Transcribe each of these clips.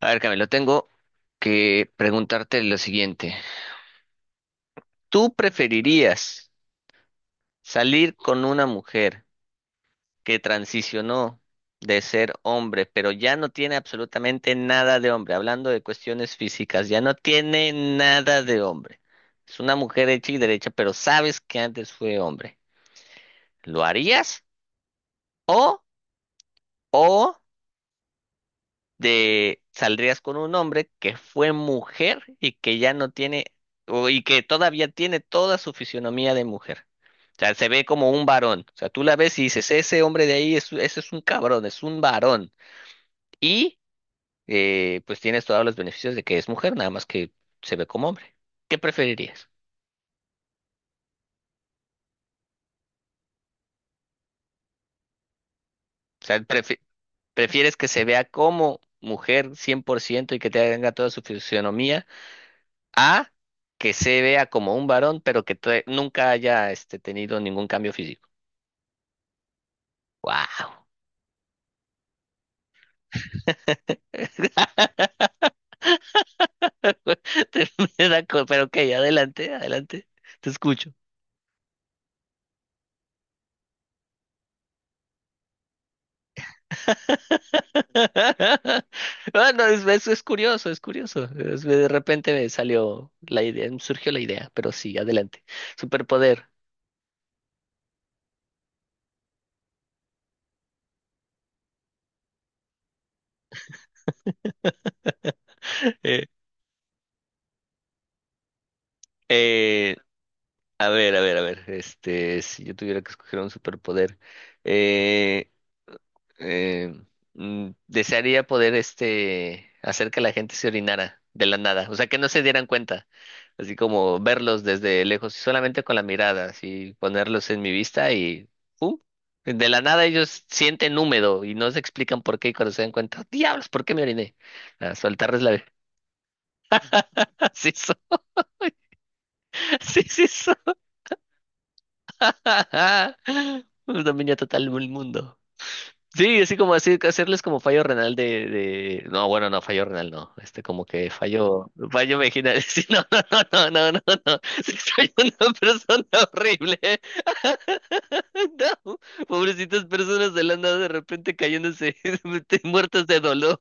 A ver, Camilo, tengo que preguntarte lo siguiente. ¿Tú preferirías salir con una mujer que transicionó de ser hombre, pero ya no tiene absolutamente nada de hombre? Hablando de cuestiones físicas, ya no tiene nada de hombre. Es una mujer hecha y derecha, pero sabes que antes fue hombre. ¿Lo harías? ¿O, o de saldrías con un hombre que fue mujer y que ya no tiene, y que todavía tiene toda su fisionomía de mujer. O sea, se ve como un varón. O sea, tú la ves y dices, ese hombre de ahí, ese es un cabrón, es un varón. Y pues tienes todos los beneficios de que es mujer, nada más que se ve como hombre. ¿Qué preferirías? O sea, ¿prefieres que se vea como mujer 100% y que te haga toda su fisionomía? A, que se vea como un varón, pero que todavía nunca haya tenido ningún cambio físico. ¡Wow! Pero ok, adelante, adelante. Te escucho. Bueno, eso es curioso, es curioso. De repente me salió la idea, me surgió la idea, pero sí, adelante. Superpoder. Eh, eh, a ver, a ver, a ver. Este, si yo tuviera que escoger un superpoder. eh, eh, desearía poder hacer que la gente se orinara de la nada, o sea, que no se dieran cuenta, así como verlos desde lejos, solamente con la mirada, así ponerlos en mi vista y ¡pum! De la nada ellos sienten húmedo y no se explican por qué y cuando se dan cuenta, diablos, ¿por qué me oriné? A soltarles la... Así es, así es eso. Un dominio total del mundo. Sí, así como así, hacerles como fallo renal. No, bueno, no, fallo renal no. Este, como que fallo vaginal. Sí, no, no, no, no, no, no, no. Sí, soy una persona horrible. No, pobrecitas personas de la nada de repente cayéndose, muertas de dolor.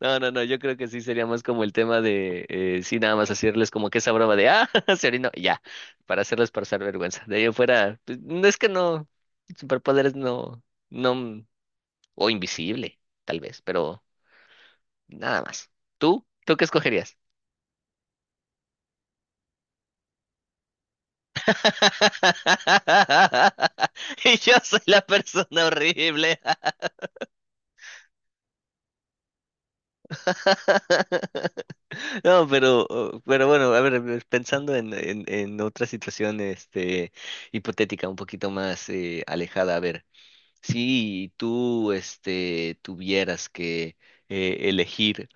No, no, no, yo creo que sí sería más como el tema de, sí, nada más hacerles como que esa broma de, ah, se orinó, y ya, para hacerles pasar vergüenza. De ahí en fuera, pues, no es que no, superpoderes no, no. O invisible, tal vez, pero nada más. ¿Tú? ¿Tú qué escogerías? Y yo soy la persona horrible. No, pero bueno, a ver, pensando en, otra situación, hipotética, un poquito más alejada, a ver, si tú, tuvieras que elegir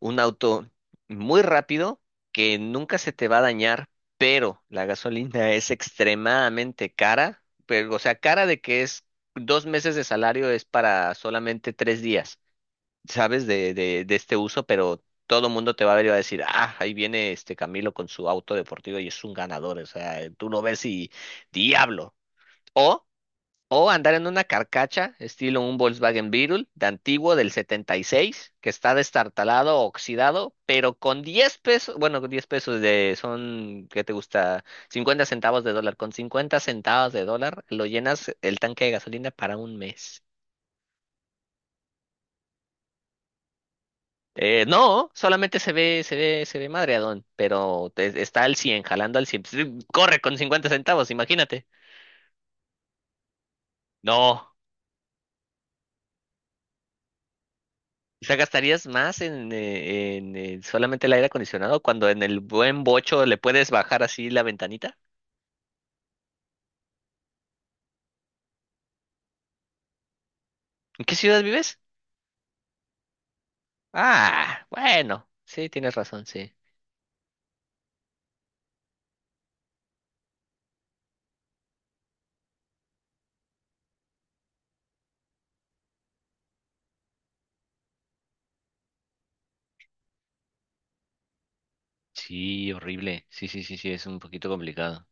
un auto muy rápido que nunca se te va a dañar, pero la gasolina es extremadamente cara, pero, o sea, cara de que es 2 meses de salario es para solamente 3 días, ¿sabes? De este uso, pero todo mundo te va a ver y va a decir, ah, ahí viene este Camilo con su auto deportivo y es un ganador, o sea, tú lo ves y diablo. o o andar en una carcacha, estilo un Volkswagen Beetle de antiguo del 76, que está destartalado, oxidado, pero con 10 pesos, bueno, con 10 pesos ¿qué te gusta? 50 centavos de dólar. Con 50 centavos de dólar lo llenas el tanque de gasolina para un mes. No, solamente se ve madreadón, pero está al 100 jalando al cien. Pues, corre con 50 centavos, imagínate. No. O sea, ¿gastarías más en solamente el aire acondicionado cuando en el buen bocho le puedes bajar así la ventanita? ¿En qué ciudad vives? Ah, bueno, sí, tienes razón, sí. Sí, horrible. Sí, sí, sí, sí, es un poquito complicado.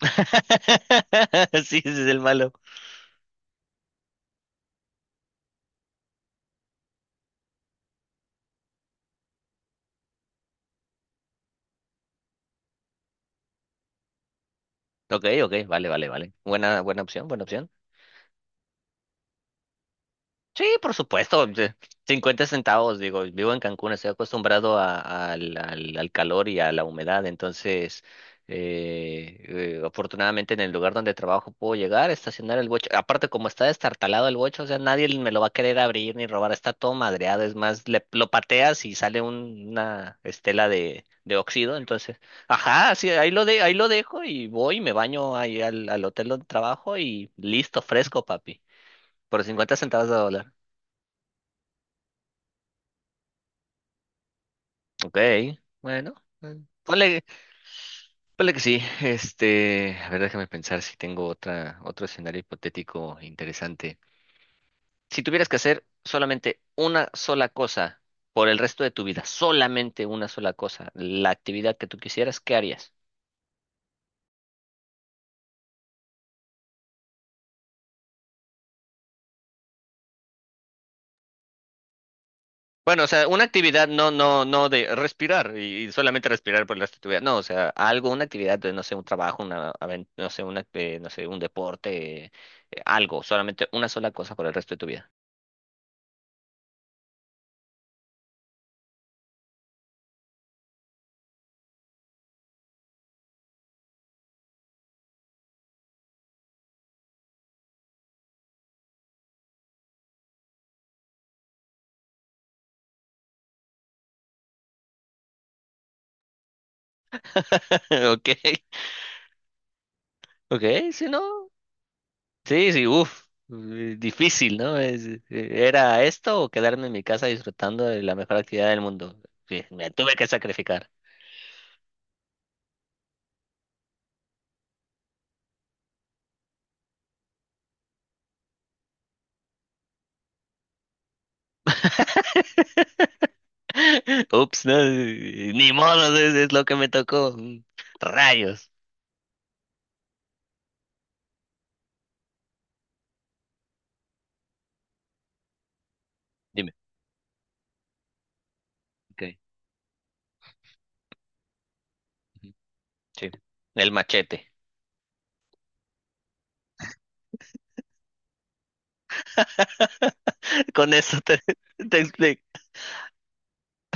Sí, ese es el malo. Ok, ok, vale, vale, vale. Buena, buena opción, buena opción. Sí, por supuesto, 50 centavos, digo, vivo en Cancún, estoy acostumbrado al calor y a la humedad, entonces, afortunadamente en el lugar donde trabajo puedo llegar, estacionar el bocho, aparte como está destartalado el bocho, o sea, nadie me lo va a querer abrir ni robar, está todo madreado, es más, lo pateas y sale una estela de óxido, entonces, ajá, sí, ahí lo dejo y voy, me baño ahí al hotel donde trabajo y listo, fresco, papi, por 50 centavos de dólar. Ok, bueno, eh, ponle, ponle que sí. Este, a ver, déjame pensar si tengo otro escenario hipotético interesante. Si tuvieras que hacer solamente una sola cosa por el resto de tu vida, solamente una sola cosa, la actividad que tú quisieras, ¿qué harías? Bueno, o sea, una actividad no, no, no de respirar y solamente respirar por el resto de tu vida. No, o sea, algo, una actividad de, no sé, un trabajo, no sé, no sé, un deporte, algo, solamente una sola cosa por el resto de tu vida. Ok. Ok, si no. Sí, sí, uff. Difícil, ¿no? ¿Era esto o quedarme en mi casa disfrutando de la mejor actividad del mundo? Sí, me tuve que sacrificar. Ups, no, ni modo, es lo que me tocó. Rayos. Dime. Okay. Ujú. Sí. El machete. Con eso te explico.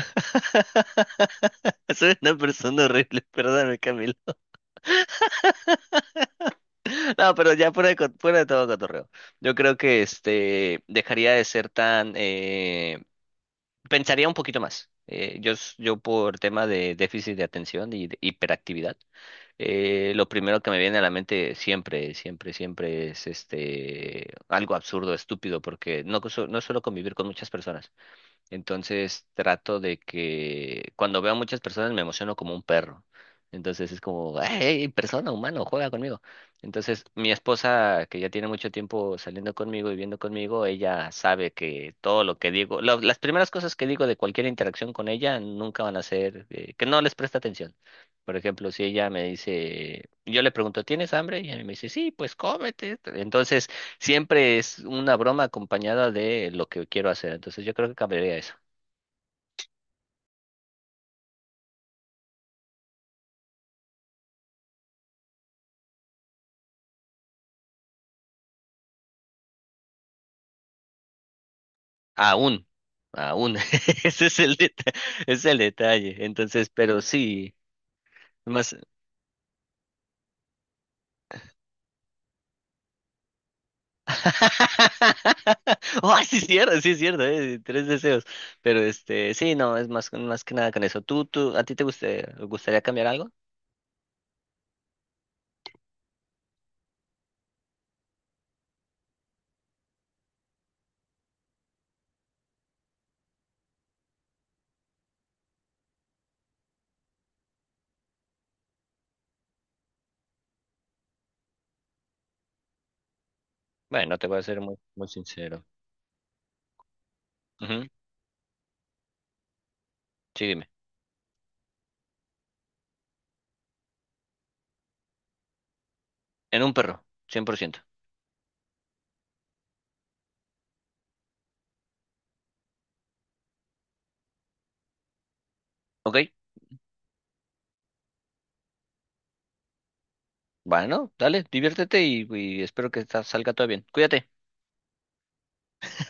Soy una persona horrible, perdóname, Camila. No, pero ya fuera de todo cotorreo. Yo creo que dejaría de ser tan pensaría un poquito más. Yo por tema de déficit de atención y de hiperactividad, lo primero que me viene a la mente siempre, siempre, siempre es algo absurdo, estúpido, porque no suelo convivir con muchas personas. Entonces trato de que cuando veo a muchas personas me emociono como un perro. Entonces es como, hey, persona, humano, juega conmigo. Entonces mi esposa, que ya tiene mucho tiempo saliendo conmigo y viviendo conmigo, ella sabe que todo lo que digo, las primeras cosas que digo de cualquier interacción con ella nunca van a ser, que no les presta atención. Por ejemplo, si ella me dice, yo le pregunto, ¿tienes hambre? Y ella me dice, sí, pues cómete. Entonces siempre es una broma acompañada de lo que quiero hacer. Entonces yo creo que cambiaría eso. Aún, aún. Ese es el detalle. Entonces, pero sí, más. Oh, sí es cierto, tres deseos. Pero sí, no, es más, más que nada con eso. ¿A ti te gustaría cambiar algo? Bueno, te voy a ser muy, muy sincero. Ujú. Sí, dime. En un perro, 100%. ¿Ok? Bueno, dale, diviértete y espero que salga todo bien. Cuídate.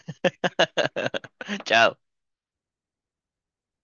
Chao.